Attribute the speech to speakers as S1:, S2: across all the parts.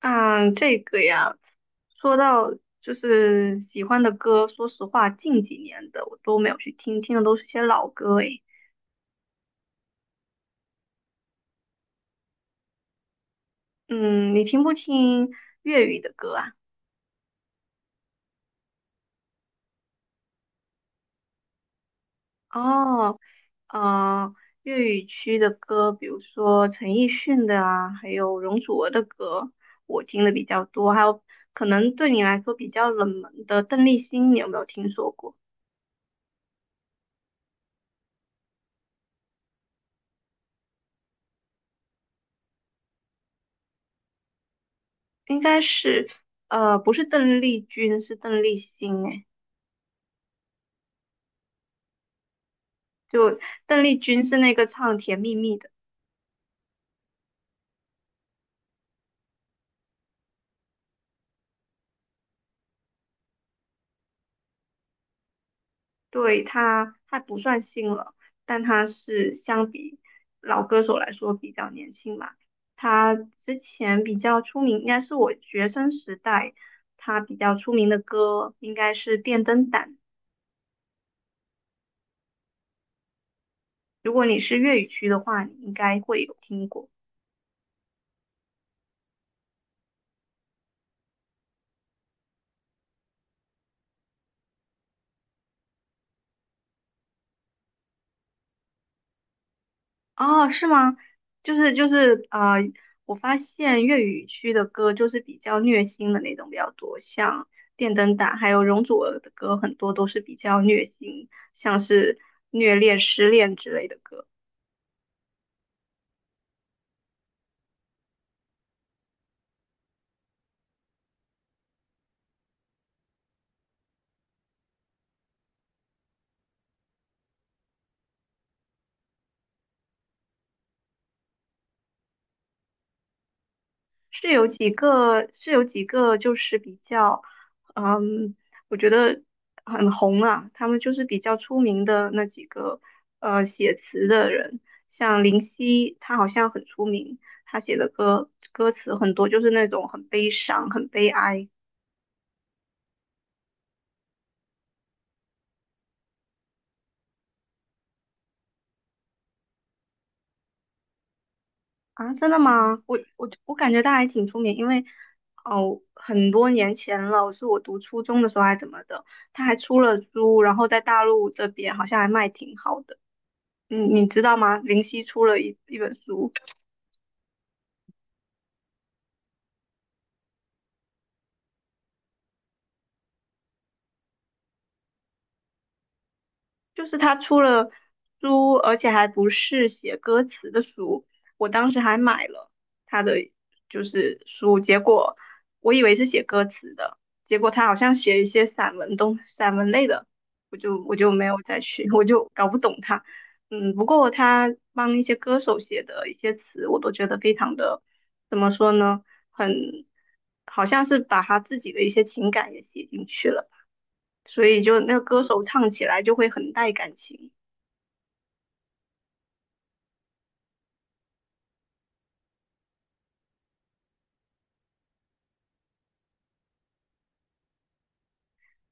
S1: 嗯，这个呀，说到就是喜欢的歌，说实话，近几年的我都没有去听，听的都是些老歌诶。嗯，你听不听粤语的歌啊？哦，呃，粤语区的歌，比如说陈奕迅的啊，还有容祖儿的歌，我听的比较多。还有可能对你来说比较冷门的邓丽欣，你有没有听说过？应该是，不是邓丽君，是邓丽欣诶。就邓丽君是那个唱《甜蜜蜜》的，对，她不算新了，但她是相比老歌手来说比较年轻吧。她之前比较出名，应该是我学生时代，她比较出名的歌应该是《电灯胆》。如果你是粤语区的话，你应该会有听过。哦，是吗？就是啊，我发现粤语区的歌就是比较虐心的那种比较多，像电灯胆还有容祖儿的歌，很多都是比较虐心，像是虐恋、失恋之类的歌。是有几个，是有几个，就是比较，嗯，我觉得很红啊。他们就是比较出名的那几个，写词的人，像林夕，他好像很出名，他写的歌歌词很多，就是那种很悲伤、很悲哀啊。真的吗？我感觉他还挺出名，因为哦，很多年前了，是我读初中的时候还怎么的，他还出了书，然后在大陆这边好像还卖挺好的。嗯，你知道吗？林夕出了一本书，就是他出了书，而且还不是写歌词的书。我当时还买了他的就是书，结果我以为是写歌词的，结果他好像写一些散文类的，我就没有再去，我就搞不懂他。嗯，不过他帮一些歌手写的一些词，我都觉得非常的，怎么说呢，很，好像是把他自己的一些情感也写进去了。所以就那个歌手唱起来就会很带感情。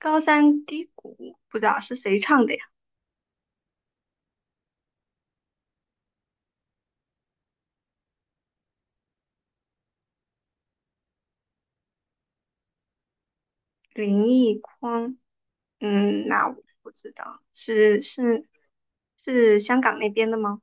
S1: 高山低谷不知道是谁唱的呀？林奕匡，那我不知道，是香港那边的吗？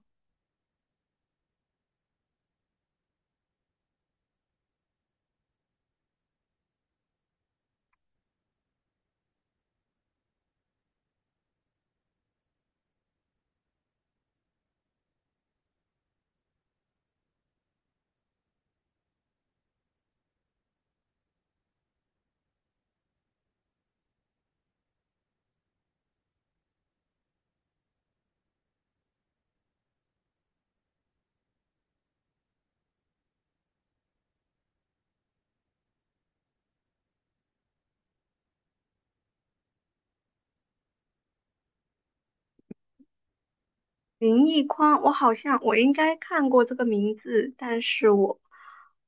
S1: 林奕匡，我好像我应该看过这个名字，但是我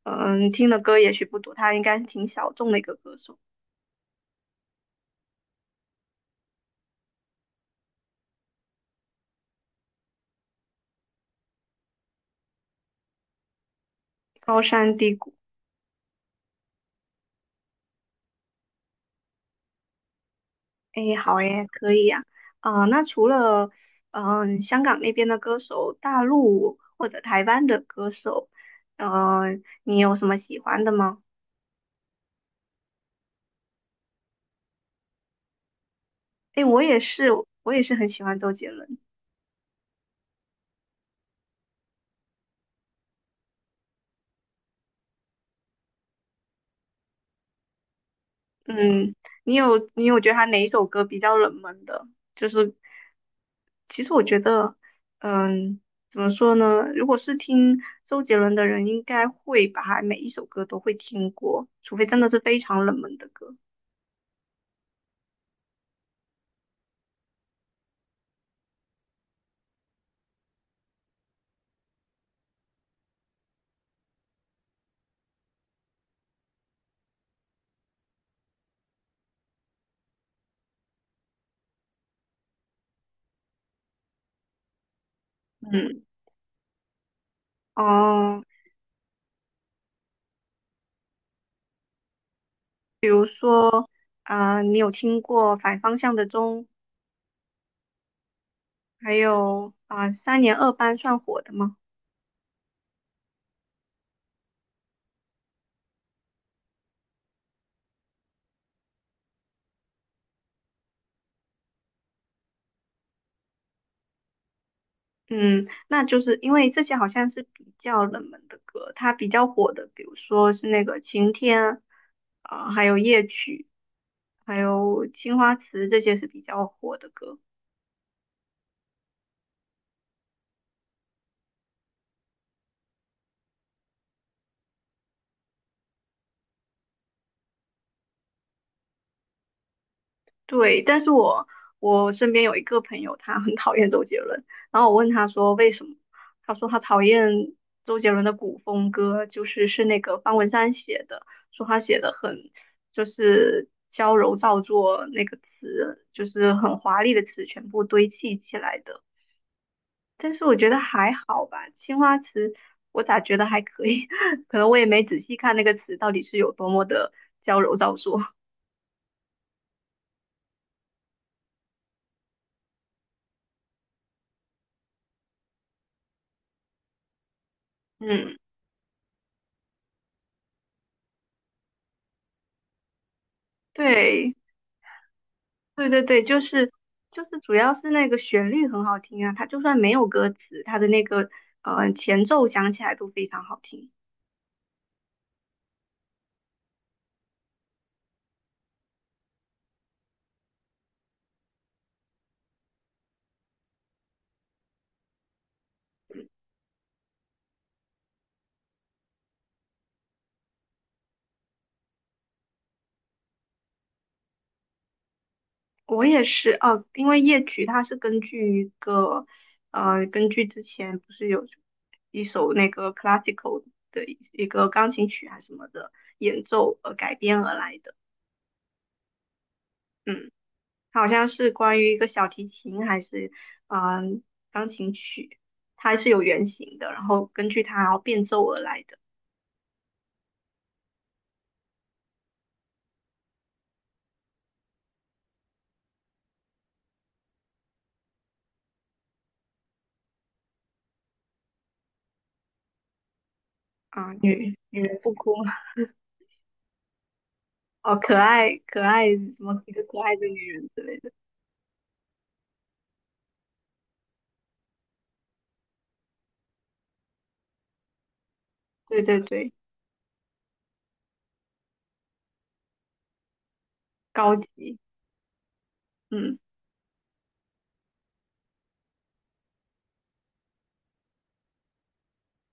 S1: 听的歌也许不多，他应该是挺小众的一个歌手。高山低谷。诶，好耶，可以呀、啊。那除了香港那边的歌手，大陆或者台湾的歌手，呃，你有什么喜欢的吗？诶，我也是，我也是很喜欢周杰伦。嗯，你有觉得他哪一首歌比较冷门的？就是其实我觉得，嗯，怎么说呢？如果是听周杰伦的人，应该会把他每一首歌都会听过，除非真的是非常冷门的歌。嗯，哦。比如说，啊、你有听过反方向的钟，还有啊、三年二班算火的吗？嗯，那就是因为这些好像是比较冷门的歌，它比较火的，比如说是那个《晴天》啊、还有《夜曲》，还有《青花瓷》，这些是比较火的歌。对，但是我身边有一个朋友，他很讨厌周杰伦，然后我问他说为什么，他说他讨厌周杰伦的古风歌，就是那个方文山写的，说他写的很就是娇柔造作，那个词就是很华丽的词全部堆砌起来的。但是我觉得还好吧，青花瓷我咋觉得还可以，可能我也没仔细看那个词到底是有多么的娇柔造作。嗯，对。对对对，就是主要是那个旋律很好听啊，它就算没有歌词，它的那个前奏响起来都非常好听。我也是哦，因为夜曲它是根据之前不是有一首那个 classical 的一个钢琴曲还是什么的演奏而改编而来的，嗯，它好像是关于一个小提琴还是嗯、呃钢琴曲，它是有原型的，然后根据它然后变奏而来的。啊，女人不哭，哦，可爱，什么一个可爱的女人之类的，对对对，高级，嗯。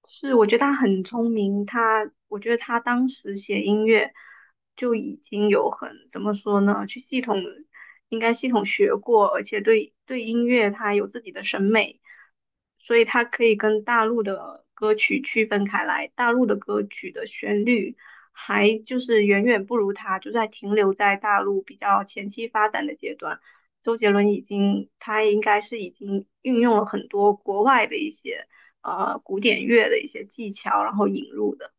S1: 是，我觉得他很聪明，我觉得他当时写音乐就已经有很怎么说呢，去系统应该系统学过，而且对音乐他有自己的审美，所以他可以跟大陆的歌曲区分开来，大陆的歌曲的旋律还就是远远不如他，就在停留在大陆比较前期发展的阶段。周杰伦已经，他应该是已经运用了很多国外的一些。古典乐的一些技巧，然后引入的。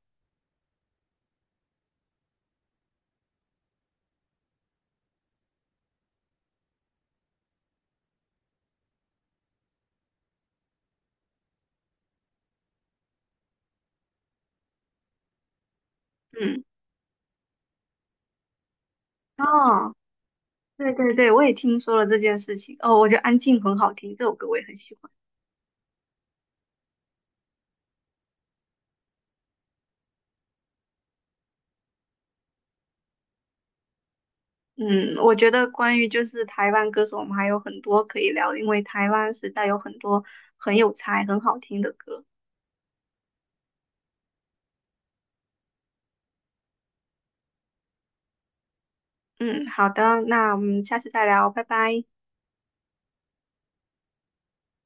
S1: 嗯，哦，对对对，我也听说了这件事情。哦，我觉得《安静》很好听，这首歌我也很喜欢。嗯，我觉得关于就是台湾歌手，我们还有很多可以聊，因为台湾实在有很多很有才、很好听的歌。嗯，好的，那我们下次再聊，拜拜。